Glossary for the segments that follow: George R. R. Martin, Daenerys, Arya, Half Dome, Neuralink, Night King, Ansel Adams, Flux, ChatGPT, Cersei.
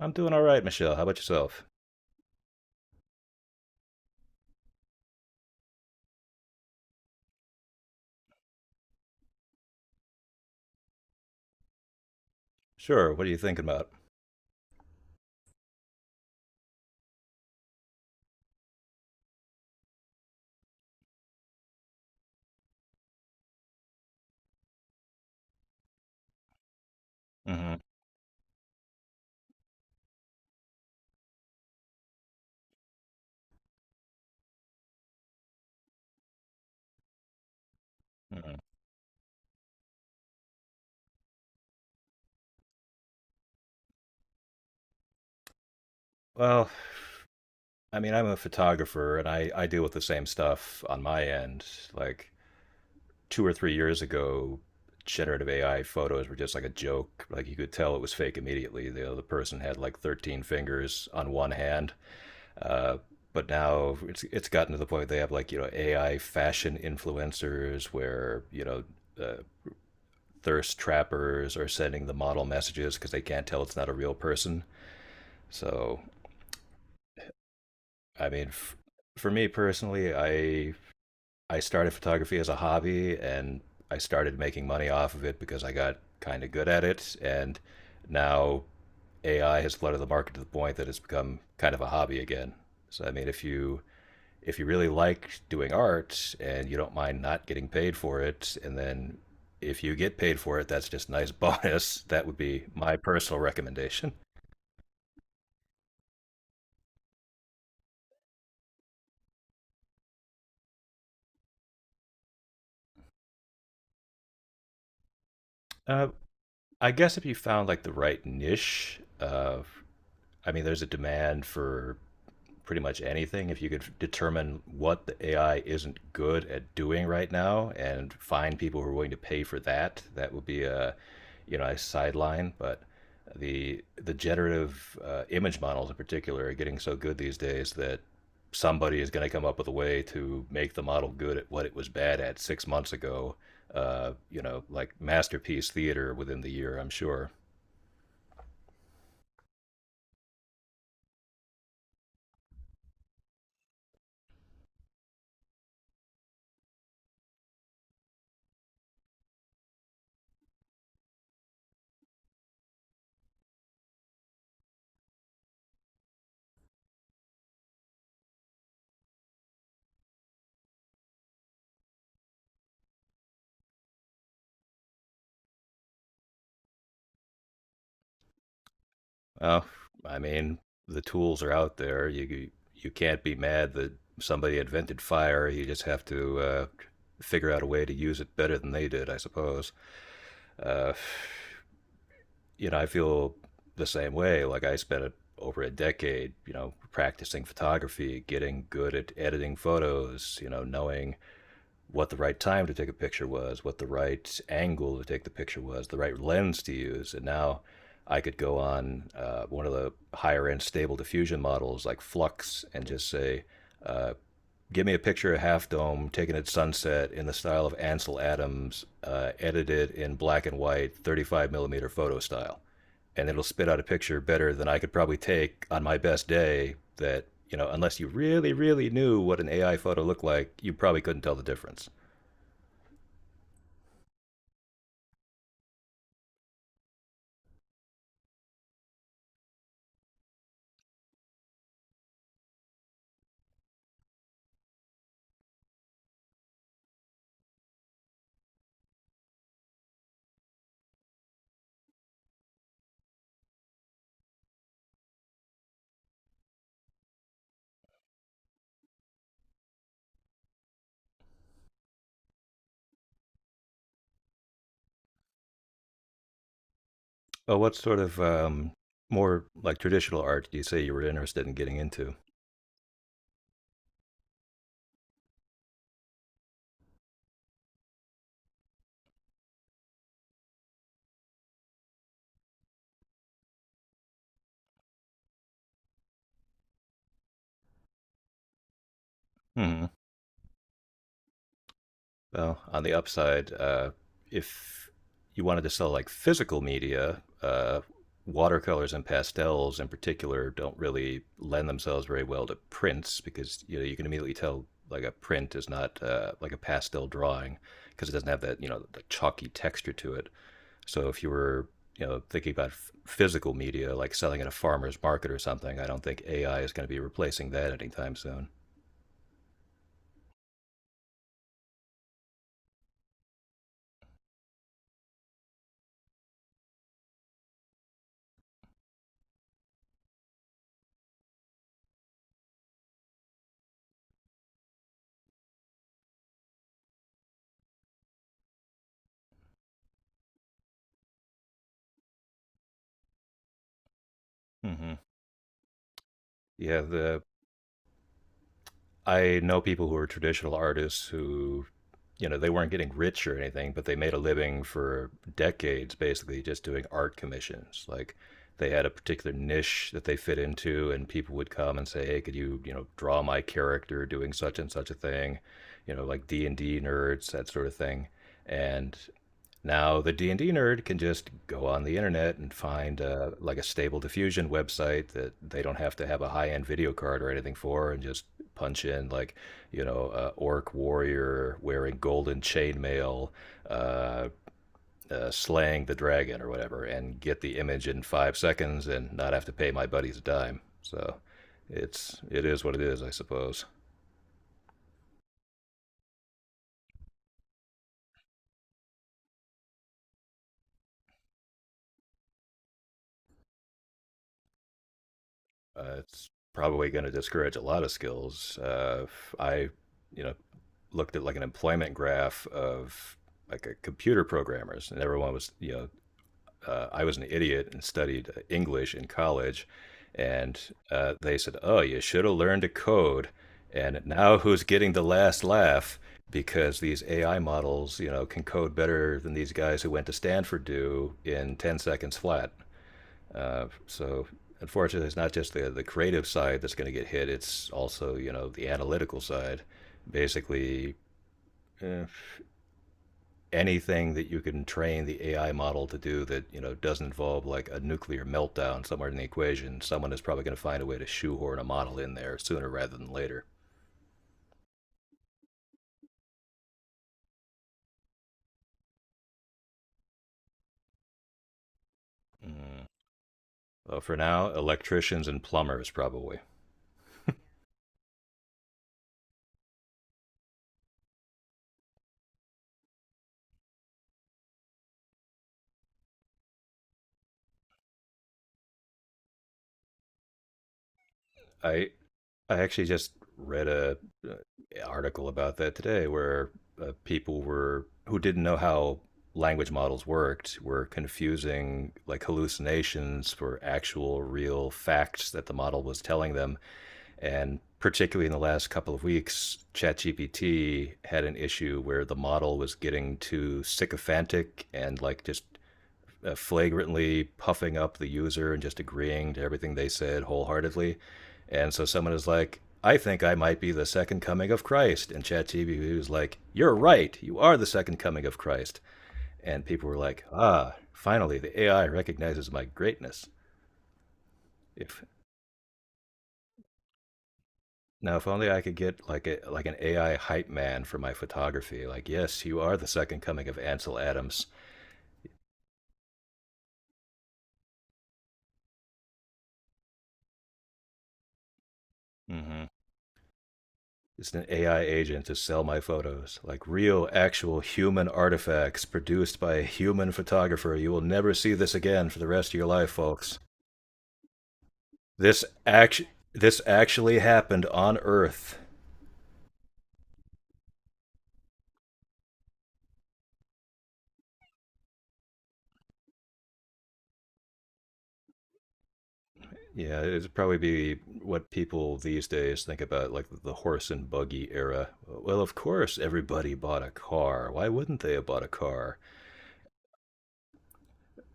I'm doing all right, Michelle. How about yourself? Sure. What are you thinking about? Hmm. Hmm. Well, I mean, I'm a photographer and I deal with the same stuff on my end. Like 2 or 3 years ago, generative AI photos were just like a joke. Like you could tell it was fake immediately. The other person had like 13 fingers on one hand. Uh, but now it's gotten to the point they have like, you know, AI fashion influencers where, you know, uh, thirst trappers are sending the model messages because they can't tell it's not a real person. So, I mean, for me personally, I started photography as a hobby and I started making money off of it because I got kind of good at it, and now AI has flooded the market to the point that it's become kind of a hobby again. So, I mean, if you really like doing art and you don't mind not getting paid for it, and then if you get paid for it, that's just a nice bonus. That would be my personal recommendation. Uh, I guess if you found like the right niche, I mean, there's a demand for pretty much anything if you could determine what the AI isn't good at doing right now and find people who are willing to pay for that. That would be a, you know, a sideline, but the generative image models in particular are getting so good these days that somebody is going to come up with a way to make the model good at what it was bad at 6 months ago. You know, like masterpiece theater within the year, I'm sure. Well, I mean, the tools are out there. You can't be mad that somebody invented fire. You just have to figure out a way to use it better than they did, I suppose. Uh, you know, I feel the same way. Like I spent over a decade, you know, practicing photography, getting good at editing photos, you know, knowing what the right time to take a picture was, what the right angle to take the picture was, the right lens to use. And now I could go on one of the higher end stable diffusion models like Flux and just say, uh, give me a picture of Half Dome taken at sunset in the style of Ansel Adams, edited in black and white, 35 millimeter photo style. And it'll spit out a picture better than I could probably take on my best day that, you know, unless you really, really knew what an AI photo looked like, you probably couldn't tell the difference. Oh, what sort of more like traditional art do you say you were interested in getting into? Hmm. Well, on the upside, if you wanted to sell like physical media, watercolors and pastels in particular don't really lend themselves very well to prints because, you know, you can immediately tell like a print is not like a pastel drawing because it doesn't have that, you know, the chalky texture to it. So if you were, you know, thinking about physical media, like selling at a farmer's market or something, I don't think AI is going to be replacing that anytime soon. Mm-hmm. Yeah, the I know people who are traditional artists who, you know, they weren't getting rich or anything, but they made a living for decades basically just doing art commissions. Like they had a particular niche that they fit into, and people would come and say, "Hey, could you, you know, draw my character doing such and such a thing?" You know, like D&D nerds, that sort of thing. And now, the D&D nerd can just go on the internet and find like a stable diffusion website that they don't have to have a high-end video card or anything for, and just punch in like, you know, orc warrior wearing golden chainmail uh, slaying the dragon or whatever and get the image in 5 seconds and not have to pay my buddies a dime. So, it is what it is, I suppose. It's probably going to discourage a lot of skills. I, you know, looked at like an employment graph of like a computer programmers, and everyone was, you know, I was an idiot and studied English in college, and they said, "Oh, you should have learned to code." And now, who's getting the last laugh? Because these AI models, you know, can code better than these guys who went to Stanford do in 10 seconds flat. So unfortunately, it's not just the creative side that's going to get hit. It's also, you know, the analytical side. Basically, eh, anything that you can train the AI model to do that, you know, doesn't involve like a nuclear meltdown somewhere in the equation, someone is probably going to find a way to shoehorn a model in there sooner rather than later. Mm. Well, for now, electricians and plumbers probably. I I actually just read a article about that today, where people were who didn't know how language models worked were confusing like hallucinations for actual real facts that the model was telling them, and particularly in the last couple of weeks chatgpt had an issue where the model was getting too sycophantic and like just flagrantly puffing up the user and just agreeing to everything they said wholeheartedly. And so someone is like, I think I might be the second coming of Christ. And ChatGPT was like, you're right. You are the second coming of Christ. And people were like, ah, finally, the AI recognizes my greatness. If if only I could get like a like an AI hype man for my photography. Like, yes, you are the second coming of Ansel Adams. Mm-hmm. It's an AI agent to sell my photos. Like real, actual human artifacts produced by a human photographer. You will never see this again for the rest of your life, folks. This act- this actually happened on Earth. Yeah, it'd probably be what people these days think about, like the horse and buggy era. Well, of course, everybody bought a car. Why wouldn't they have bought a car?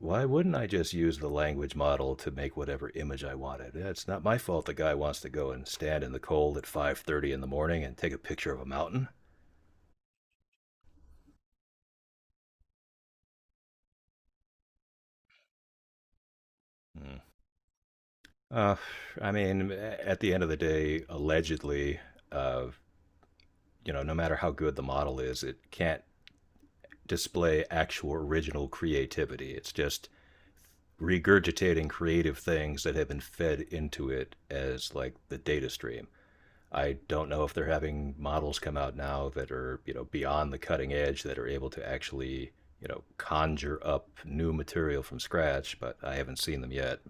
Why wouldn't I just use the language model to make whatever image I wanted? Yeah, it's not my fault the guy wants to go and stand in the cold at 5:30 in the morning and take a picture of a mountain. Hmm. Uh, I mean, at the end of the day, allegedly, uh, you know, no matter how good the model is, it can't display actual original creativity. It's just regurgitating creative things that have been fed into it as like the data stream. I don't know if they're having models come out now that are, you know, beyond the cutting edge that are able to actually, you know, conjure up new material from scratch, but I haven't seen them yet.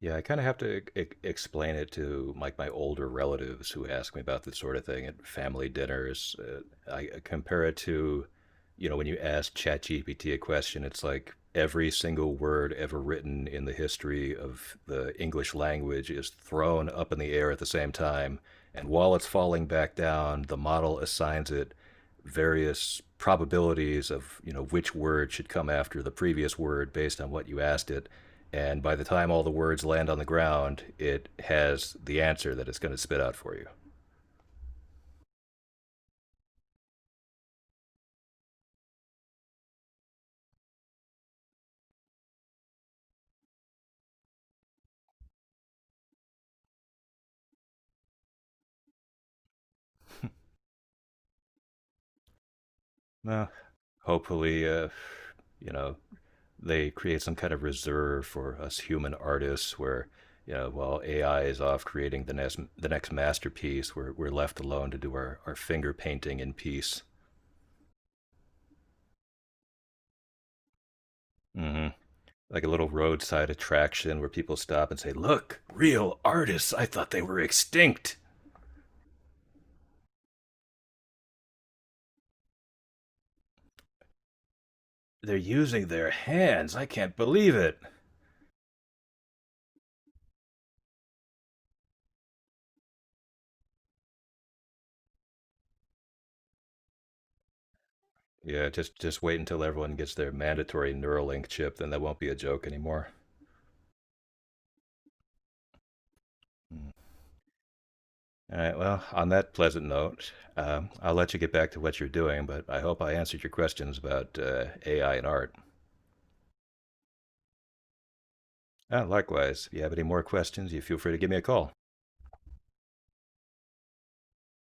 Yeah, I kind of have to explain it to like my older relatives who ask me about this sort of thing at family dinners. I compare it to, you know, when you ask ChatGPT a question, it's like every single word ever written in the history of the English language is thrown up in the air at the same time, and while it's falling back down, the model assigns it various probabilities of, you know, which word should come after the previous word based on what you asked it, and by the time all the words land on the ground, it has the answer that it's going to spit out for you. Well, hopefully, you know, they create some kind of reserve for us human artists where, you know, while AI is off creating the next masterpiece, we're left alone to do our finger painting in peace. Hmm. Like a little roadside attraction where people stop and say, "Look, real artists! I thought they were extinct. They're using their hands. I can't believe it." Yeah, just wait until everyone gets their mandatory Neuralink chip, then that won't be a joke anymore. Mm. All right. Well, on that pleasant note, I'll let you get back to what you're doing, but I hope I answered your questions about AI and art. Likewise, if you have any more questions, you feel free to give me a call.